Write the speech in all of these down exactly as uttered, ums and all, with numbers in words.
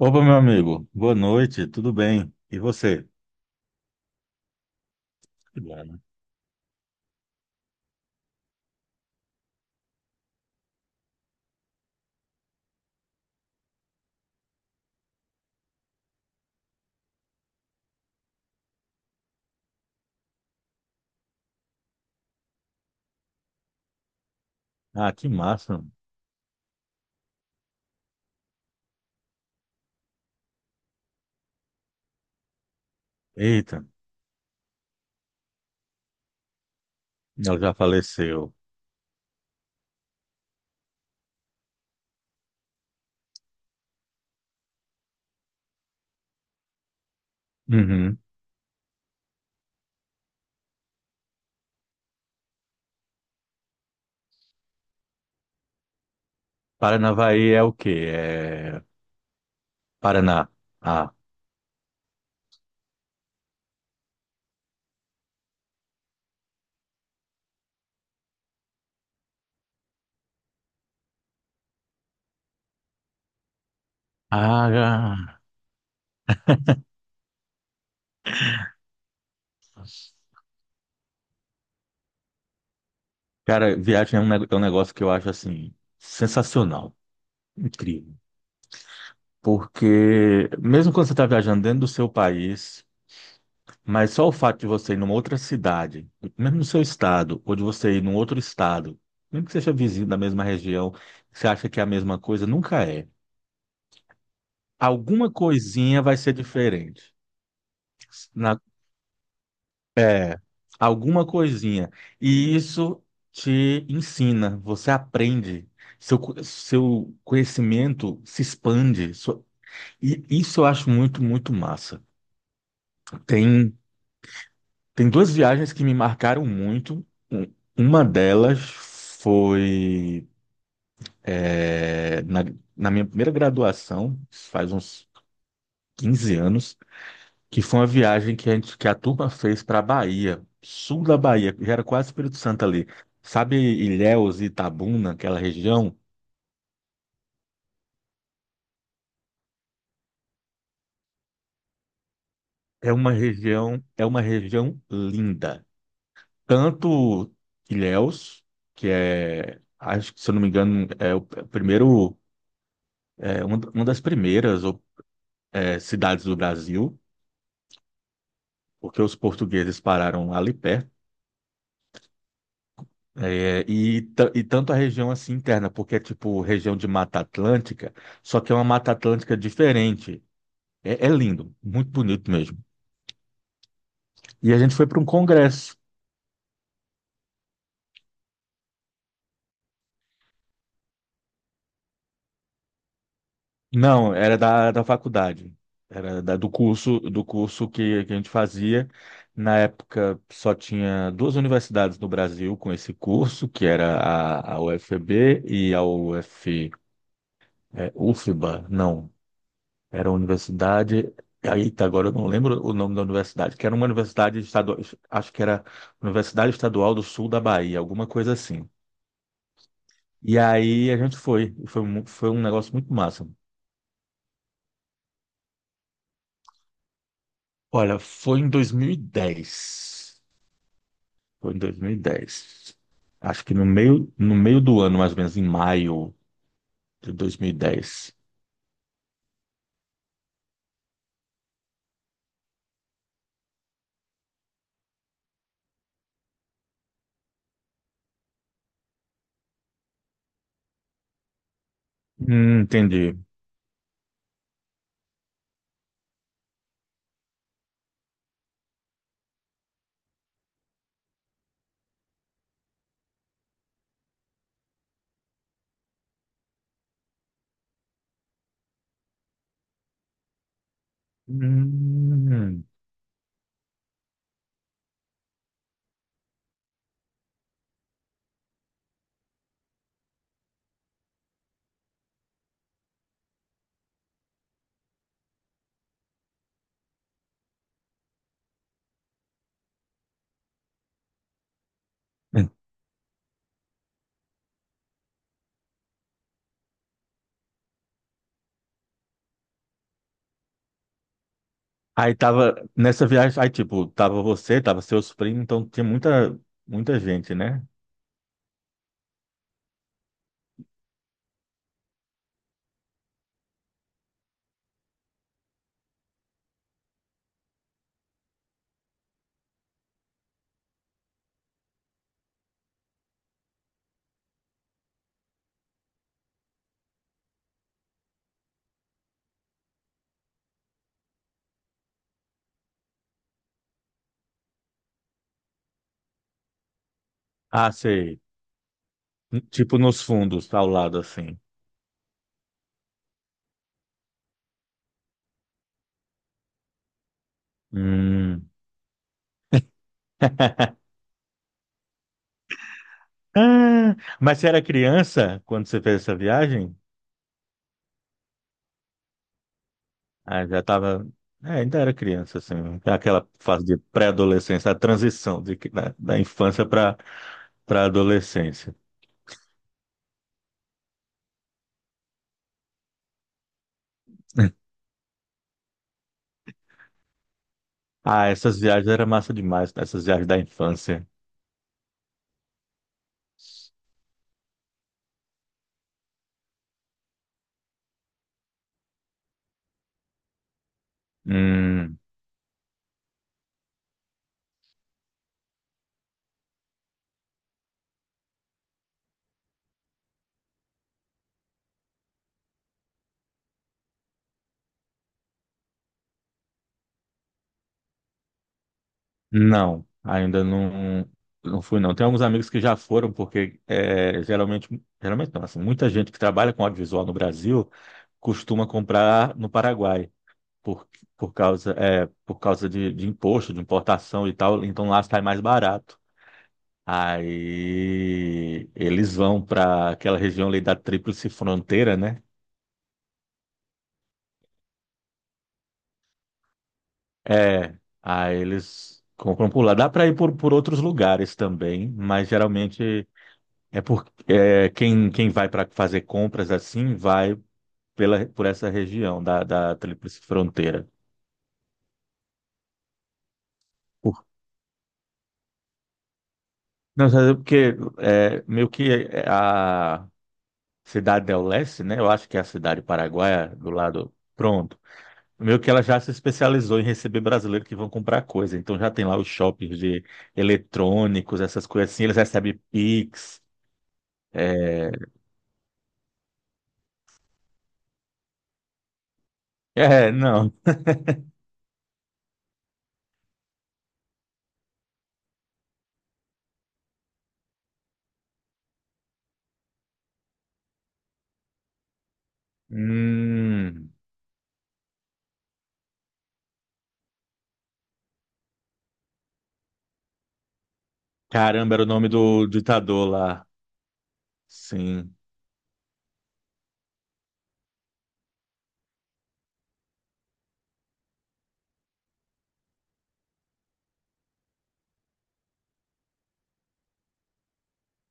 Opa, meu amigo. Boa noite, tudo bem? E você? Que bom, né? Ah, que massa. Eita, ela já faleceu. Uhum. Paranavaí é o quê? É Paraná. Ah. Ah, cara, viagem é um ne- é um negócio que eu acho assim sensacional, incrível. Porque mesmo quando você está viajando dentro do seu país, mas só o fato de você ir numa outra cidade, mesmo no seu estado, ou de você ir num outro estado, mesmo que seja vizinho da mesma região, você acha que é a mesma coisa? Nunca é. Alguma coisinha vai ser diferente. Na, Alguma coisinha. E isso te ensina, você aprende, seu, co- seu conhecimento se expande. Sua- e isso eu acho muito, muito massa. Tem, tem duas viagens que me marcaram muito. Um- Uma delas foi, é, na, na minha primeira graduação, faz uns quinze anos, que foi uma viagem que a gente, que a turma fez para a Bahia, sul da Bahia, já era quase Espírito Santo ali. Sabe Ilhéus e Itabuna, aquela região? É uma região, é uma região linda. Tanto Ilhéus, que é, acho que se eu não me engano, é o primeiro, é uma, uma das primeiras, é, cidades do Brasil, porque os portugueses pararam ali perto. É, e, ta- e tanto a região assim interna, porque é tipo região de Mata Atlântica, só que é uma Mata Atlântica diferente. É, é lindo, muito bonito mesmo. E a gente foi para um congresso. Não, era da, da faculdade, era da- do curso do curso que, que a gente fazia. Na época só tinha duas universidades no Brasil com esse curso, que era a, a U F B e a U F, é, UFBA, não. Era uma universidade. Aí, agora eu não lembro o nome da universidade, que era uma universidade estadual, acho que era Universidade Estadual do Sul da Bahia, alguma coisa assim. E aí a gente foi, e foi, mu- foi um negócio muito massa. Olha, foi em dois mil e dez. Foi em dois mil e dez Acho que no meio, no meio do ano, mais ou menos, em maio de dois mil e dez. Hum, entendi. Hum. Aí tava, nessa viagem, aí tipo, tava você, tava seus primos, então tinha muita, muita gente, né? Ah, sei. Tipo nos fundos, ao lado, assim. Hum. Ah, mas você era criança quando você fez essa viagem? Ah, já tava, é, ainda era criança, assim, aquela fase de pré-adolescência, a transição de, da, da infância para para adolescência. Ah, essas viagens eram massa demais, essas viagens da infância. Hum. Não, ainda não, não fui não. Tem alguns amigos que já foram, porque é, geralmente, geralmente não, assim, muita gente que trabalha com audiovisual no Brasil costuma comprar no Paraguai, por, por causa, é, por causa de, de imposto, de importação e tal, então lá sai mais barato. Aí eles vão para aquela região ali da Tríplice Fronteira, né? É, aí eles compram por lá. Dá para ir por, por outros lugares também, mas geralmente. É porque é, quem, quem vai para fazer compras assim vai pela, por essa região da, da Tríplice Fronteira. Por- Não, sabe porque é, meio que é, a cidade del Leste, né? Eu acho que é a cidade paraguaia do lado. Pronto. Meio que ela já se especializou em receber brasileiros que vão comprar coisa. Então já tem lá os shoppings de eletrônicos, essas coisas assim. Eles recebem Pix. É, é não. Hum, caramba, era o nome do ditador lá. Sim.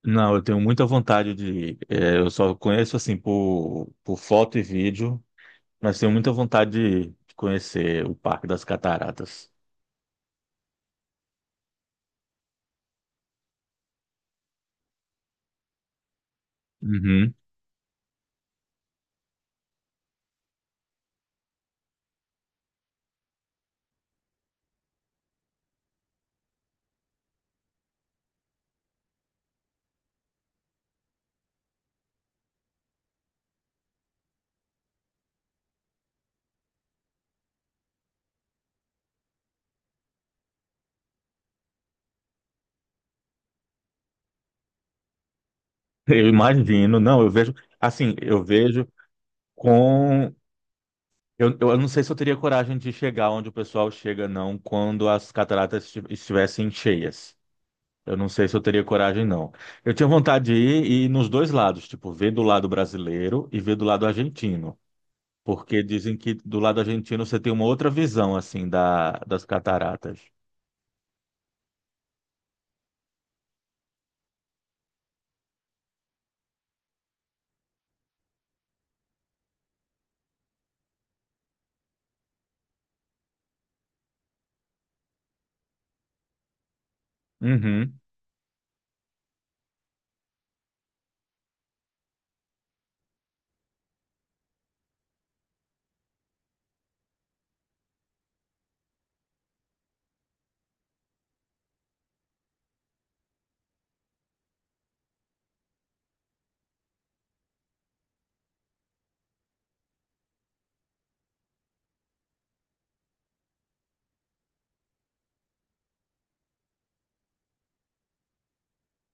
Não, eu tenho muita vontade de. É, eu só conheço assim por, por foto e vídeo, mas tenho muita vontade de, de conhecer o Parque das Cataratas. Uhum. Eu imagino, não, eu vejo. Assim, eu vejo com. Eu, eu não sei se eu teria coragem de chegar onde o pessoal chega, não, quando as cataratas esti- estivessem cheias. Eu não sei se eu teria coragem, não. Eu tinha vontade de ir, e ir nos dois lados, tipo, ver do lado brasileiro e ver do lado argentino. Porque dizem que do lado argentino você tem uma outra visão, assim, da, das cataratas. Uhum,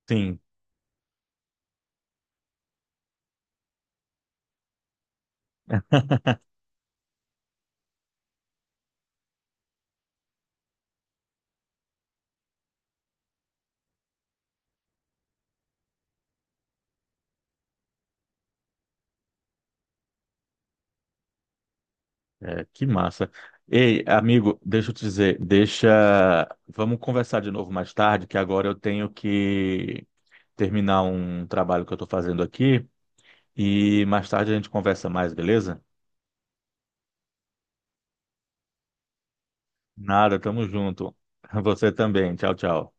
sim, é, que massa. Ei, amigo, deixa eu te dizer, deixa. Vamos conversar de novo mais tarde, que agora eu tenho que terminar um trabalho que eu estou fazendo aqui e mais tarde a gente conversa mais, beleza? Nada, tamo junto. Você também. Tchau, tchau.